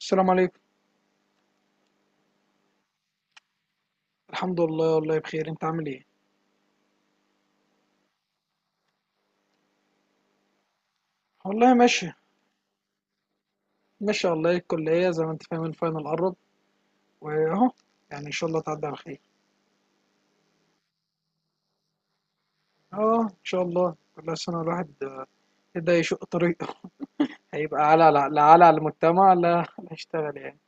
السلام عليكم. الحمد لله، والله بخير. انت عامل ايه؟ والله ماشي. ماشي والله، الكلية زي ما انت فاهم الفاينل قرب. واهو، يعني ان شاء الله تعدي على خير. اه ان شاء الله، كل سنة الواحد ابتدى يشق طريقه. هيبقى على لا لا على المجتمع، لا لا هيشتغل يعني.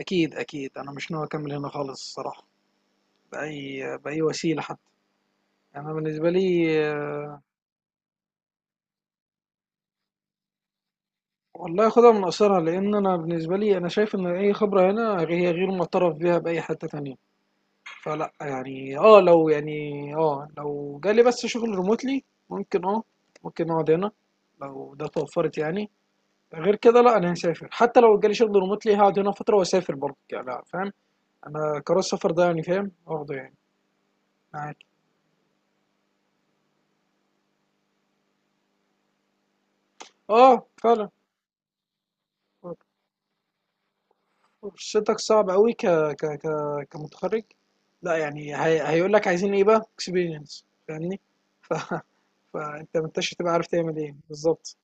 اكيد اكيد، انا مش ناوي اكمل هنا خالص الصراحة، بأي وسيلة حتى. انا بالنسبة لي والله خدها من قصرها، لان انا بالنسبة لي انا شايف ان اي خبرة هنا هي غير معترف بيها بأي حتة تانية. فلا يعني اه لو جالي بس شغل ريموتلي، ممكن اه ممكن اقعد هنا لو ده توفرت يعني. غير كده لا، انا هسافر. حتى لو جالي شغل ريموتلي هقعد هنا فتره واسافر برضه، يعني لا، فاهم؟ انا قرار السفر ده يعني فاهم اخده يعني. معاك. اه فعلا. فرصتك صعبة قوي، كمتخرج. لا يعني هيقول لك عايزين ايه بقى؟ اكسبيرينس، فاهمني؟ ف... فانت ما انتش هتبقى عارف تعمل ايه بالظبط.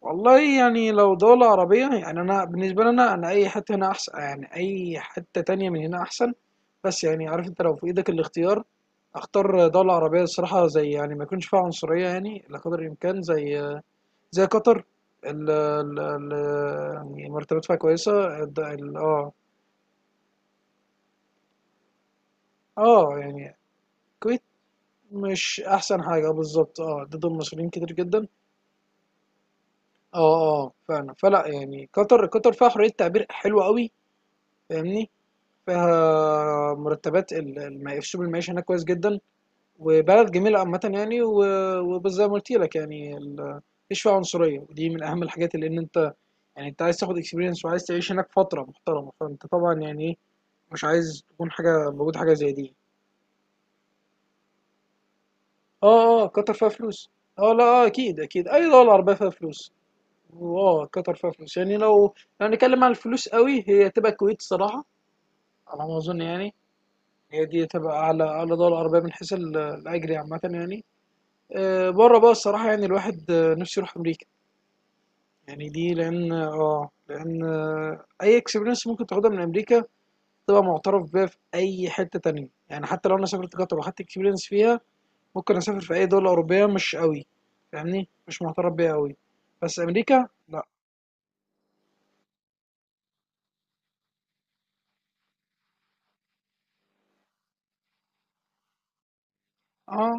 والله يعني لو دولة عربية، يعني أنا بالنسبة لي، أنا أي حتة هنا أحسن، يعني أي حتة تانية من هنا أحسن. بس يعني عارف، أنت لو في إيدك الاختيار أختار دولة عربية الصراحة، زي يعني ما يكونش فيها عنصرية يعني، إلى قدر الإمكان، زي زي قطر. ال ال ال يعني مرتبات فيها كويسة. الد- ال اه اه يعني الكويت مش أحسن حاجة، بالظبط، اه ضد المصريين كتير جدا. اه. اه فعلا، فلا يعني، قطر قطر فيها حرية تعبير حلوة قوي، فاهمني؟ فيها مرتبات. اسلوب المعيشه هناك كويس جدا، وبلد جميله عامه يعني. وبس زي ما قلت لك يعني، مفيش فيها عنصريه، ودي من اهم الحاجات اللي ان انت يعني انت عايز تاخد اكسبيرينس، وعايز تعيش هناك فتره محترمه، فانت طبعا يعني ايه، مش عايز تكون حاجه موجود حاجه زي دي. اه. اه قطر فيها فلوس. اه لا، اه اكيد اكيد، اي دوله عربيه فيها فلوس. واه قطر فيها فلوس، يعني لو لو هنتكلم عن الفلوس قوي هي تبقى الكويت الصراحه، على ما اظن يعني. هي دي تبقى على دول العربية من حيث الأجر عامة يعني. بره بقى الصراحة، يعني الواحد نفسه يروح أمريكا، يعني دي لأن اه لأن أي اكسبيرينس ممكن تاخدها من أمريكا تبقى معترف بيها في أي حتة تانية. يعني حتى لو أنا سافرت قطر وأخدت اكسبيرينس فيها، ممكن أسافر في أي دولة أوروبية، مش قوي فاهمني مش معترف بيها قوي. بس أمريكا لأ. اه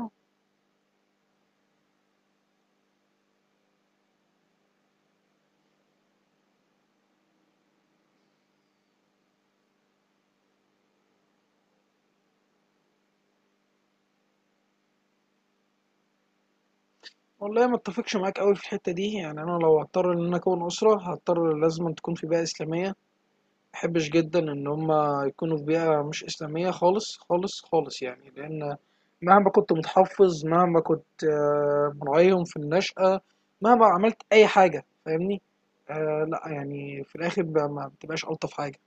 والله، ما اتفقش معاك قوي في الحتة دي. يعني أنا لو هضطر إن أنا أكون أسرة، هضطر لازم تكون في بيئة إسلامية. ماباحبش جدًا إن هم يكونوا في بيئة مش إسلامية خالص، خالص، خالص يعني، لإن مهما كنت متحفّظ، مهما كنت مراعيهم في النشأة، مهما عملت أي حاجة، فاهمني؟ لأ يعني في الآخر ما بتبقاش ألطف حاجة.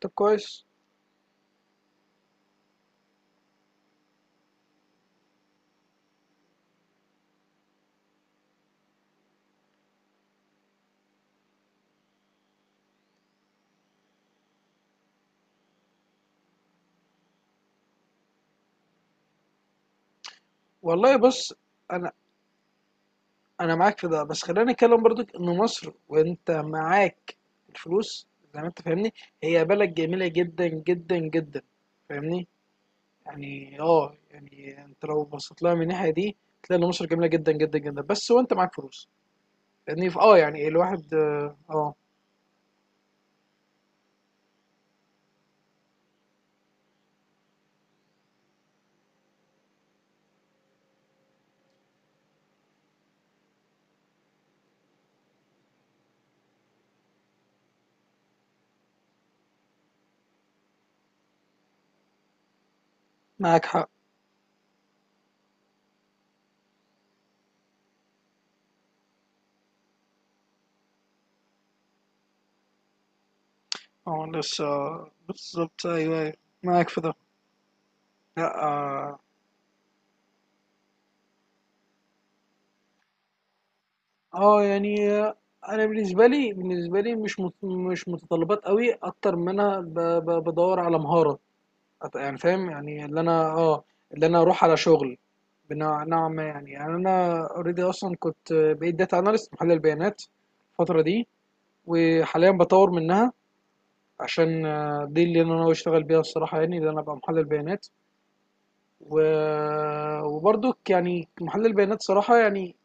طب كويس. والله بُص، أنا معاك في ده، بس خلّينا نتكلم برضك إن مصر، وأنت معاك الفلوس، زي ما أنت فاهمني، هي بلد جميلة جدًا، جدًا، جدًا، فاهمني؟ يعني اه يعني انت لو بصيت لها من الناحيه دي، تلاقي ان مصر جميله جدا جدا جدا، بس وانت معاك فلوس. لان في اه يعني الواحد معاك حق. اه لسه، بالظبط ايوه، أيوة، معاك في ده. لا اه. يعني انا بالنسبه لي، بالنسبه لي مش مش متطلبات قوي، اكتر ما انا بدور على مهاره. يعني فاهم يعني، اللي انا اللي انا اروح على شغل بنوع نوع ما يعني. يعني انا اوريدي اصلا كنت بقيت داتا اناليست، محلل بيانات الفتره دي، وحاليا بطور منها عشان دي اللي انا ناوي اشتغل بيها الصراحه، يعني اللي انا ابقى محلل بيانات. و... وبرضك يعني محلل بيانات صراحه يعني،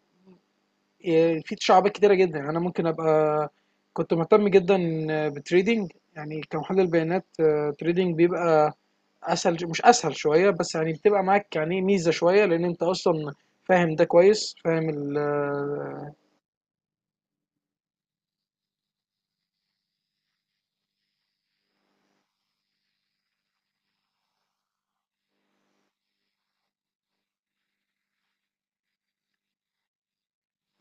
في تشعبات كتيره جدا، يعني انا ممكن ابقى كنت مهتم جدا بالتريدينج. يعني كمحلل بيانات، تريدينج بيبقى اسهل، مش اسهل شويه، بس يعني بتبقى معاك يعني ميزه شويه، لان انت اصلا فاهم ده كويس، فاهم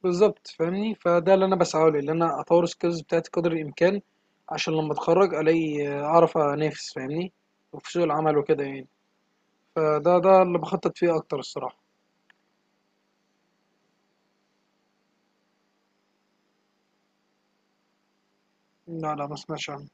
بالظبط فاهمني. فده اللي انا بسعى له، ان انا اطور السكيلز بتاعتي قدر الامكان، عشان لما اتخرج الاقي اعرف انافس، فاهمني؟ وفي سوق العمل وكده يعني. فده، ده اللي بخطط فيه اكتر الصراحه. لا لا، ما سمعتش عنه.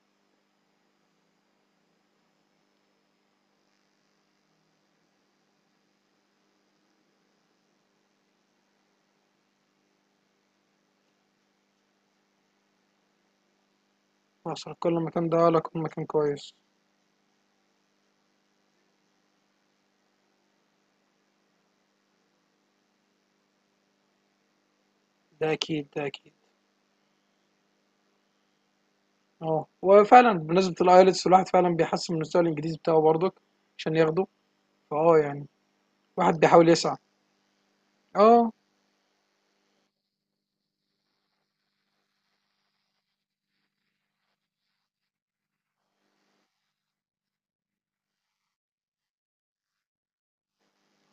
مصر كل مكان، ده لك مكان كويس. ده اكيد، ده اكيد. اه وفعلا بمناسبه الايلتس، الواحد فعلا بيحسن من مستوى الانجليزي بتاعه برضك عشان ياخده، فاه يعني واحد بيحاول يسعى. اه.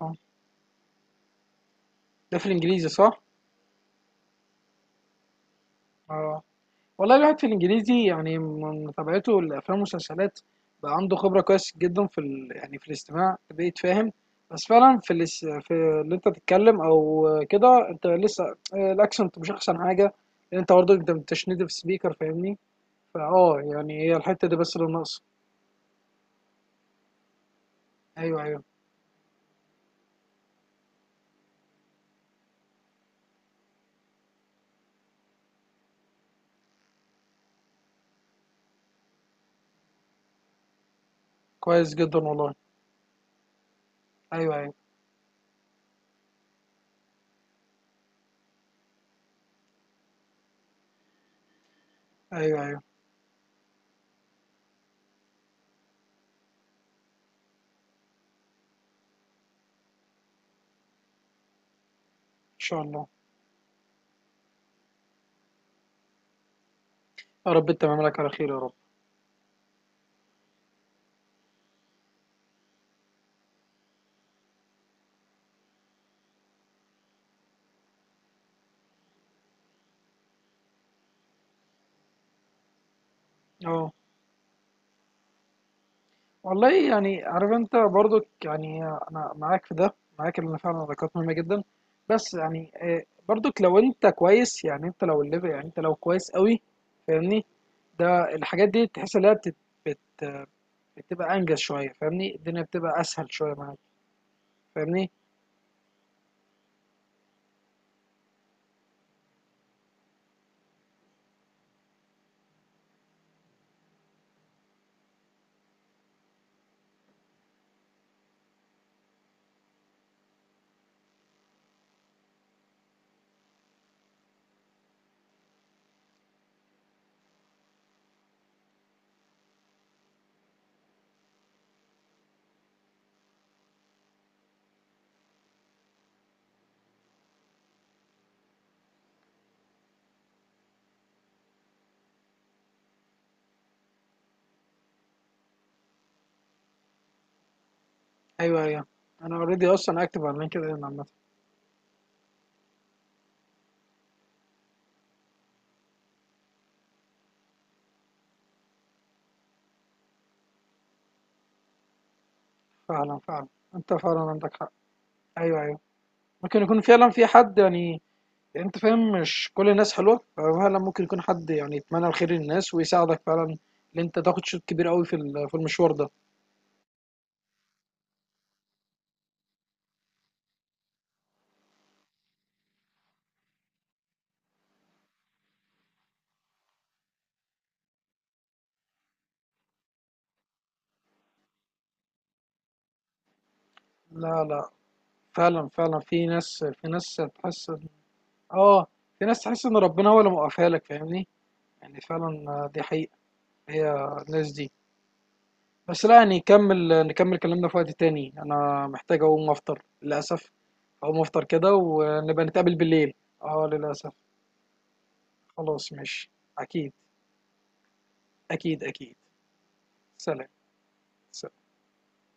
اه ده في الانجليزي، صح؟ اه والله الواحد في الانجليزي يعني، من متابعته الافلام والمسلسلات، بقى عنده خبره كويس جدا في يعني في الاستماع، بقيت فاهم. بس فعلا في في اللي انت تتكلم او كده، انت لسه الاكسنت مش احسن حاجه، لان انت برضه انت مش نيتف سبيكر، فاهمني؟ فاه يعني هي الحته دي بس اللي ناقصه. ايوه ايوه. كويس جدا والله. ايوه ايوه. ايوه ايوه ان شاء الله. يا رب تمام لك على خير يا رب. اه والله يعني عارف انت برضك، يعني انا معاك في ده، معاك ان فعلا العلاقات مهمه جدا، بس يعني برضك لو انت كويس، يعني انت لو الليفل، يعني انت لو كويس قوي فاهمني، ده الحاجات دي تحس ان هي بت- بتبقى انجز شويه، فاهمني؟ الدنيا بتبقى اسهل شويه معاك، فاهمني؟ ايوه ايوه. انا اوريدي اصلا اكتب على لينكد ان عامه. فعلا فعلا. انت فعلا عندك حق. ايوه ايوه، ممكن يكون فعلا في حد يعني، يعني انت فاهم، مش كل الناس حلوه، ففعلا ممكن يكون حد يعني يتمنى الخير للناس ويساعدك فعلا، ان انت تاخد شوط كبير قوي في في المشوار ده. لا لا، فعلا فعلا. في ناس، في ناس تحس اه في ناس تحس ان ربنا هو اللي موقفها لك، فاهمني؟ يعني فعلا، دي حقيقه. هي الناس دي. بس لا يعني، نكمل كلامنا في وقت تاني، انا محتاج اقوم افطر للاسف. اقوم افطر كده، ونبقى نتقابل بالليل. اه للاسف. خلاص ماشي. اكيد. اكيد اكيد. سلام.